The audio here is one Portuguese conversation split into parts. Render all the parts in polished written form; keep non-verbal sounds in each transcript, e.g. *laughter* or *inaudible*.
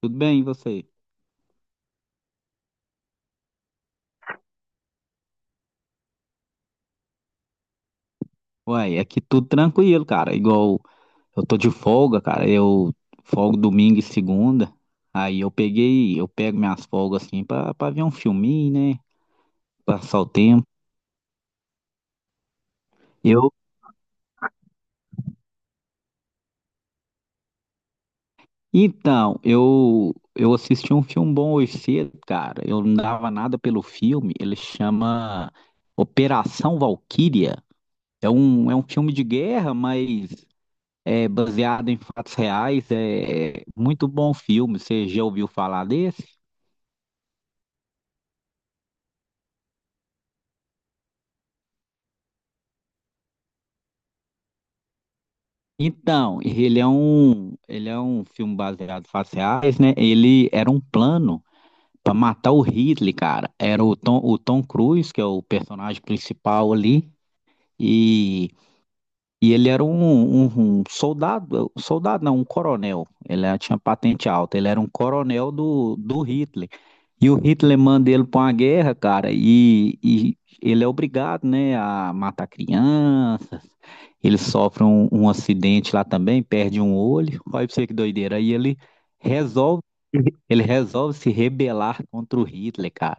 Tudo bem, e você? Uai, aqui tudo tranquilo, cara. Igual eu tô de folga, cara. Eu folgo domingo e segunda. Aí eu pego minhas folgas assim pra ver um filminho, né? Passar o tempo. Eu, eu assisti um filme bom hoje cedo, cara. Eu não dava nada pelo filme. Ele chama Operação Valquíria. É é um filme de guerra, mas é baseado em fatos reais. É muito bom filme. Você já ouviu falar desse? Então, ele é ele é um filme baseado em fatos reais, né? Ele era um plano para matar o Hitler, cara. Era o Tom Cruise, que é o personagem principal ali, e ele era um soldado, soldado não, um coronel. Ele era- tinha patente alta, ele era um coronel do Hitler. E o Hitler manda ele para uma guerra, cara, e ele é obrigado, né, a matar crianças. Ele sofre um acidente lá também, perde um olho. Olha pra você que doideira. Resolve, ele resolve se rebelar contra o Hitler, cara.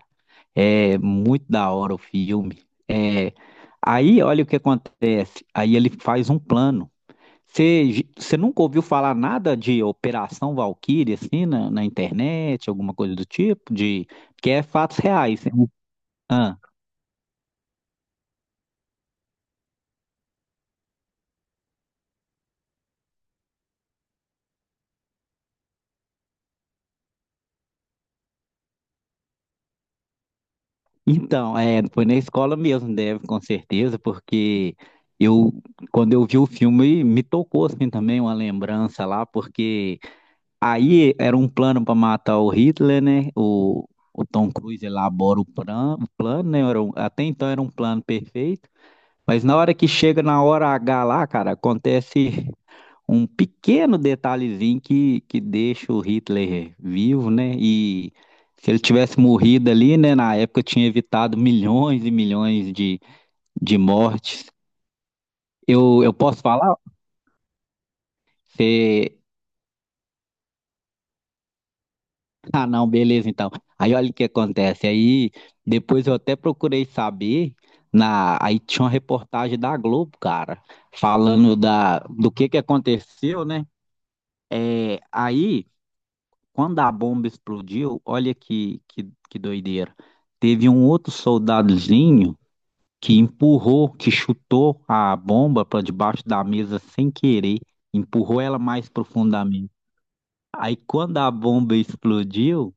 É muito da hora o filme. É, aí, olha o que acontece. Aí ele faz um plano. Você nunca ouviu falar nada de Operação Valkyrie, assim, na internet, alguma coisa do tipo? De, que é fatos reais, né? Ah, então, é, foi na escola mesmo, deve, com certeza, porque eu, quando eu vi o filme, me tocou, assim, também uma lembrança lá, porque aí era um plano para matar o Hitler, né? O Tom Cruise elabora o plano, né? Era um- até então era um plano perfeito. Mas na hora que chega na hora H lá, cara, acontece um pequeno detalhezinho que deixa o Hitler vivo, né? E se ele tivesse morrido ali, né? Na época tinha evitado milhões e milhões de mortes. Eu posso falar? Ah, não, beleza, então. Aí olha o que acontece. Aí depois eu até procurei saber na, aí tinha uma reportagem da Globo, cara, falando da do que aconteceu, né? É, aí quando a bomba explodiu, olha que doideira. Teve um outro soldadozinho que chutou a bomba para debaixo da mesa sem querer, empurrou ela mais profundamente. Aí quando a bomba explodiu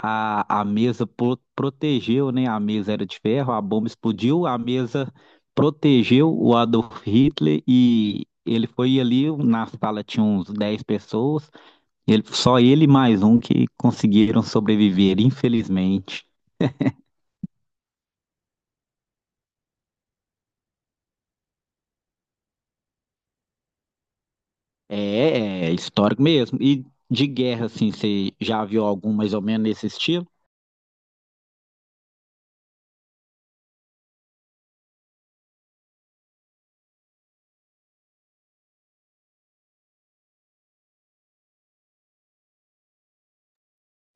a mesa protegeu, né? A mesa era de ferro, a bomba explodiu, a mesa protegeu o Adolf Hitler e ele foi ali, na sala tinha uns 10 pessoas, ele, só ele e mais um que conseguiram sobreviver, infelizmente. É, é histórico mesmo. E de guerra, assim, você já viu algum mais ou menos nesse estilo?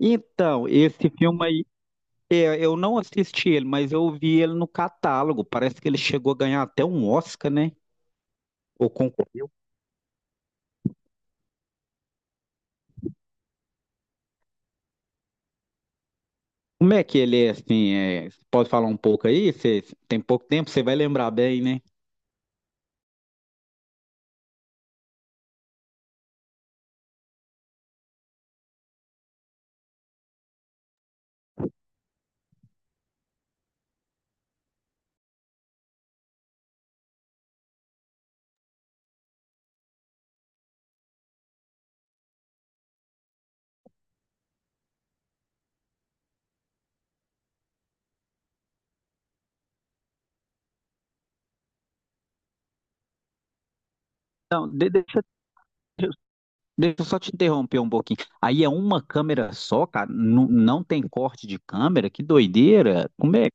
Então, esse filme aí, é, eu não assisti ele, mas eu vi ele no catálogo. Parece que ele chegou a ganhar até um Oscar, né? Ou concorreu. Como é que ele é assim? É, pode falar um pouco aí? Você tem pouco tempo, você vai lembrar bem, né? Não, de- deixa, deixa eu só te interromper um pouquinho. Aí é uma câmera só, cara? Não, tem corte de câmera? Que doideira! Como é?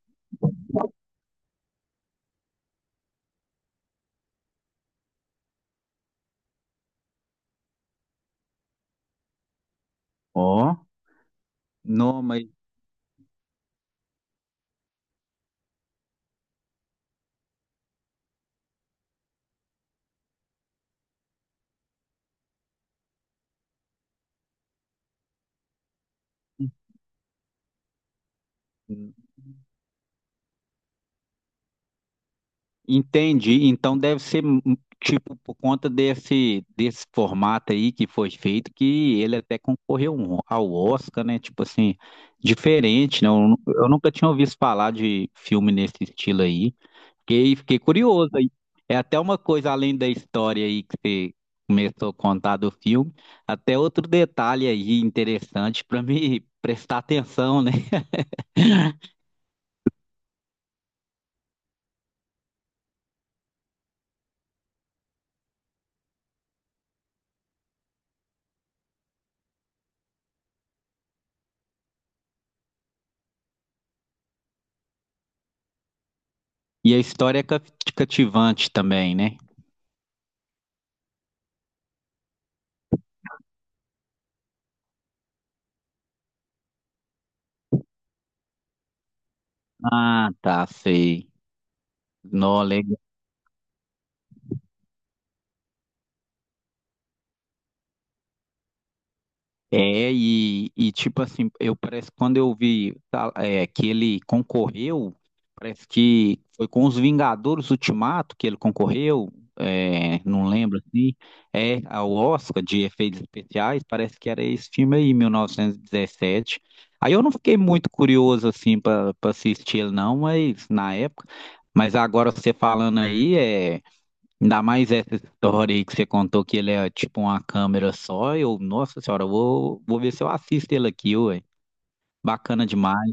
Ó, não, mas. Entendi. Então deve ser tipo por conta desse formato aí que foi feito que ele até concorreu um- ao Oscar, né? Tipo assim, diferente, né? Eu nunca tinha ouvido falar de filme nesse estilo aí. Fiquei curioso aí. É até uma coisa além da história aí que você começou a contar do filme, até outro detalhe aí interessante para me *laughs* prestar atenção, né? E a história é cativante também, né? Ah, tá, sei. Não, legal. E tipo assim, eu parece que quando eu vi tá, é, que ele concorreu, parece que foi com os Vingadores Ultimato que ele concorreu, é, não lembro assim, é ao Oscar de efeitos especiais, parece que era esse filme aí, 1917. Aí eu não fiquei muito curioso assim para assistir ele não, mas na época, mas agora você falando aí, é. Ainda mais essa história aí que você contou que ele é tipo uma câmera só. Nossa senhora, vou ver se eu assisto ele aqui, ué. Bacana demais.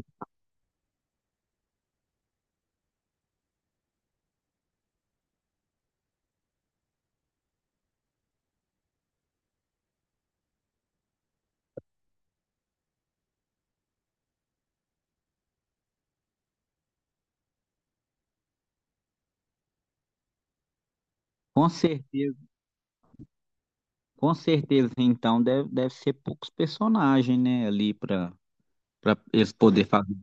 Com certeza, com certeza, então, deve ser poucos personagens, né, ali pra eles poder fazer.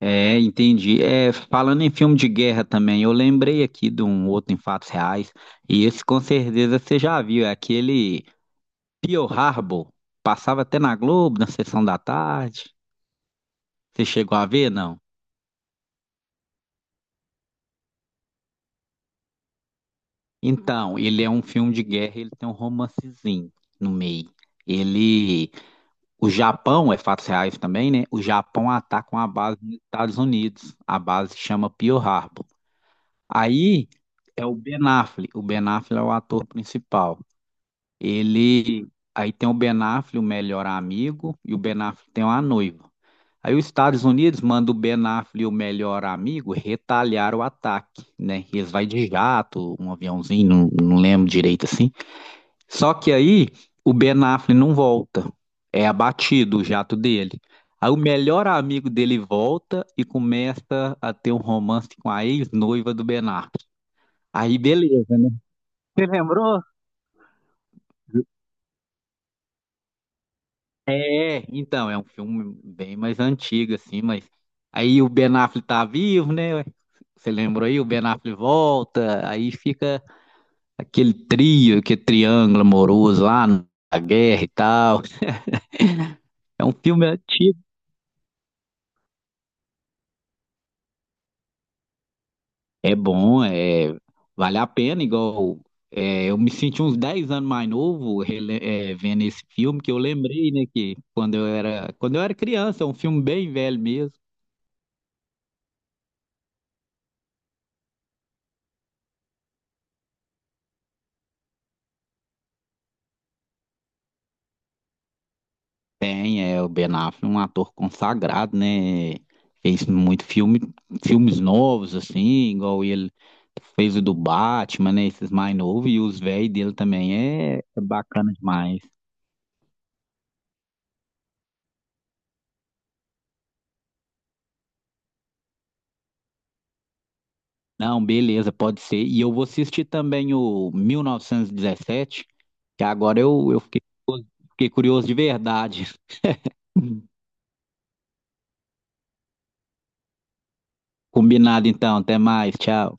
É, entendi. É, falando em filme de guerra também, eu lembrei aqui de um outro em fatos reais. E esse com certeza você já viu, é aquele Pearl Harbor. Passava até na Globo, na sessão da tarde. Você chegou a ver, não? Então, ele é um filme de guerra, ele tem um romancezinho no meio. Ele, o Japão, é fatos reais também, né? O Japão ataca uma base nos Estados Unidos. A base chama Pearl Harbor. Aí é o Ben Affleck. O Ben Affleck é o ator principal. Ele, aí tem o Ben Affleck, o melhor amigo, e o Ben Affleck tem uma noiva. Aí os Estados Unidos mandam o Ben Affleck e o melhor amigo retalhar o ataque, né? Eles vai de jato, um aviãozinho, não, não lembro direito assim. Só que aí o Ben Affleck não volta. É abatido o jato dele. Aí o melhor amigo dele volta e começa a ter um romance com a ex-noiva do Ben Affleck. Aí beleza, né? Você lembrou? É, então, é um filme bem mais antigo, assim, mas aí o Ben Affleck tá vivo, né? Você lembrou aí? O Ben Affleck volta, aí fica aquele trio, aquele triângulo amoroso lá na guerra e tal. É um filme antigo. É bom, é, vale a pena, igual é, eu me senti uns 10 anos mais novo é, vendo esse filme, que eu lembrei, né, que quando eu era criança, é um filme bem velho mesmo. Tem, é, o Ben Affleck, um ator consagrado, né, fez muito filme, filmes novos, assim, igual ele fez o do Batman, né, esses mais novos, e os velhos dele também é, é bacana demais. Não, beleza, pode ser. E eu vou assistir também o 1917, que agora eu fiquei curioso de verdade. *laughs* Combinado então, até mais, tchau.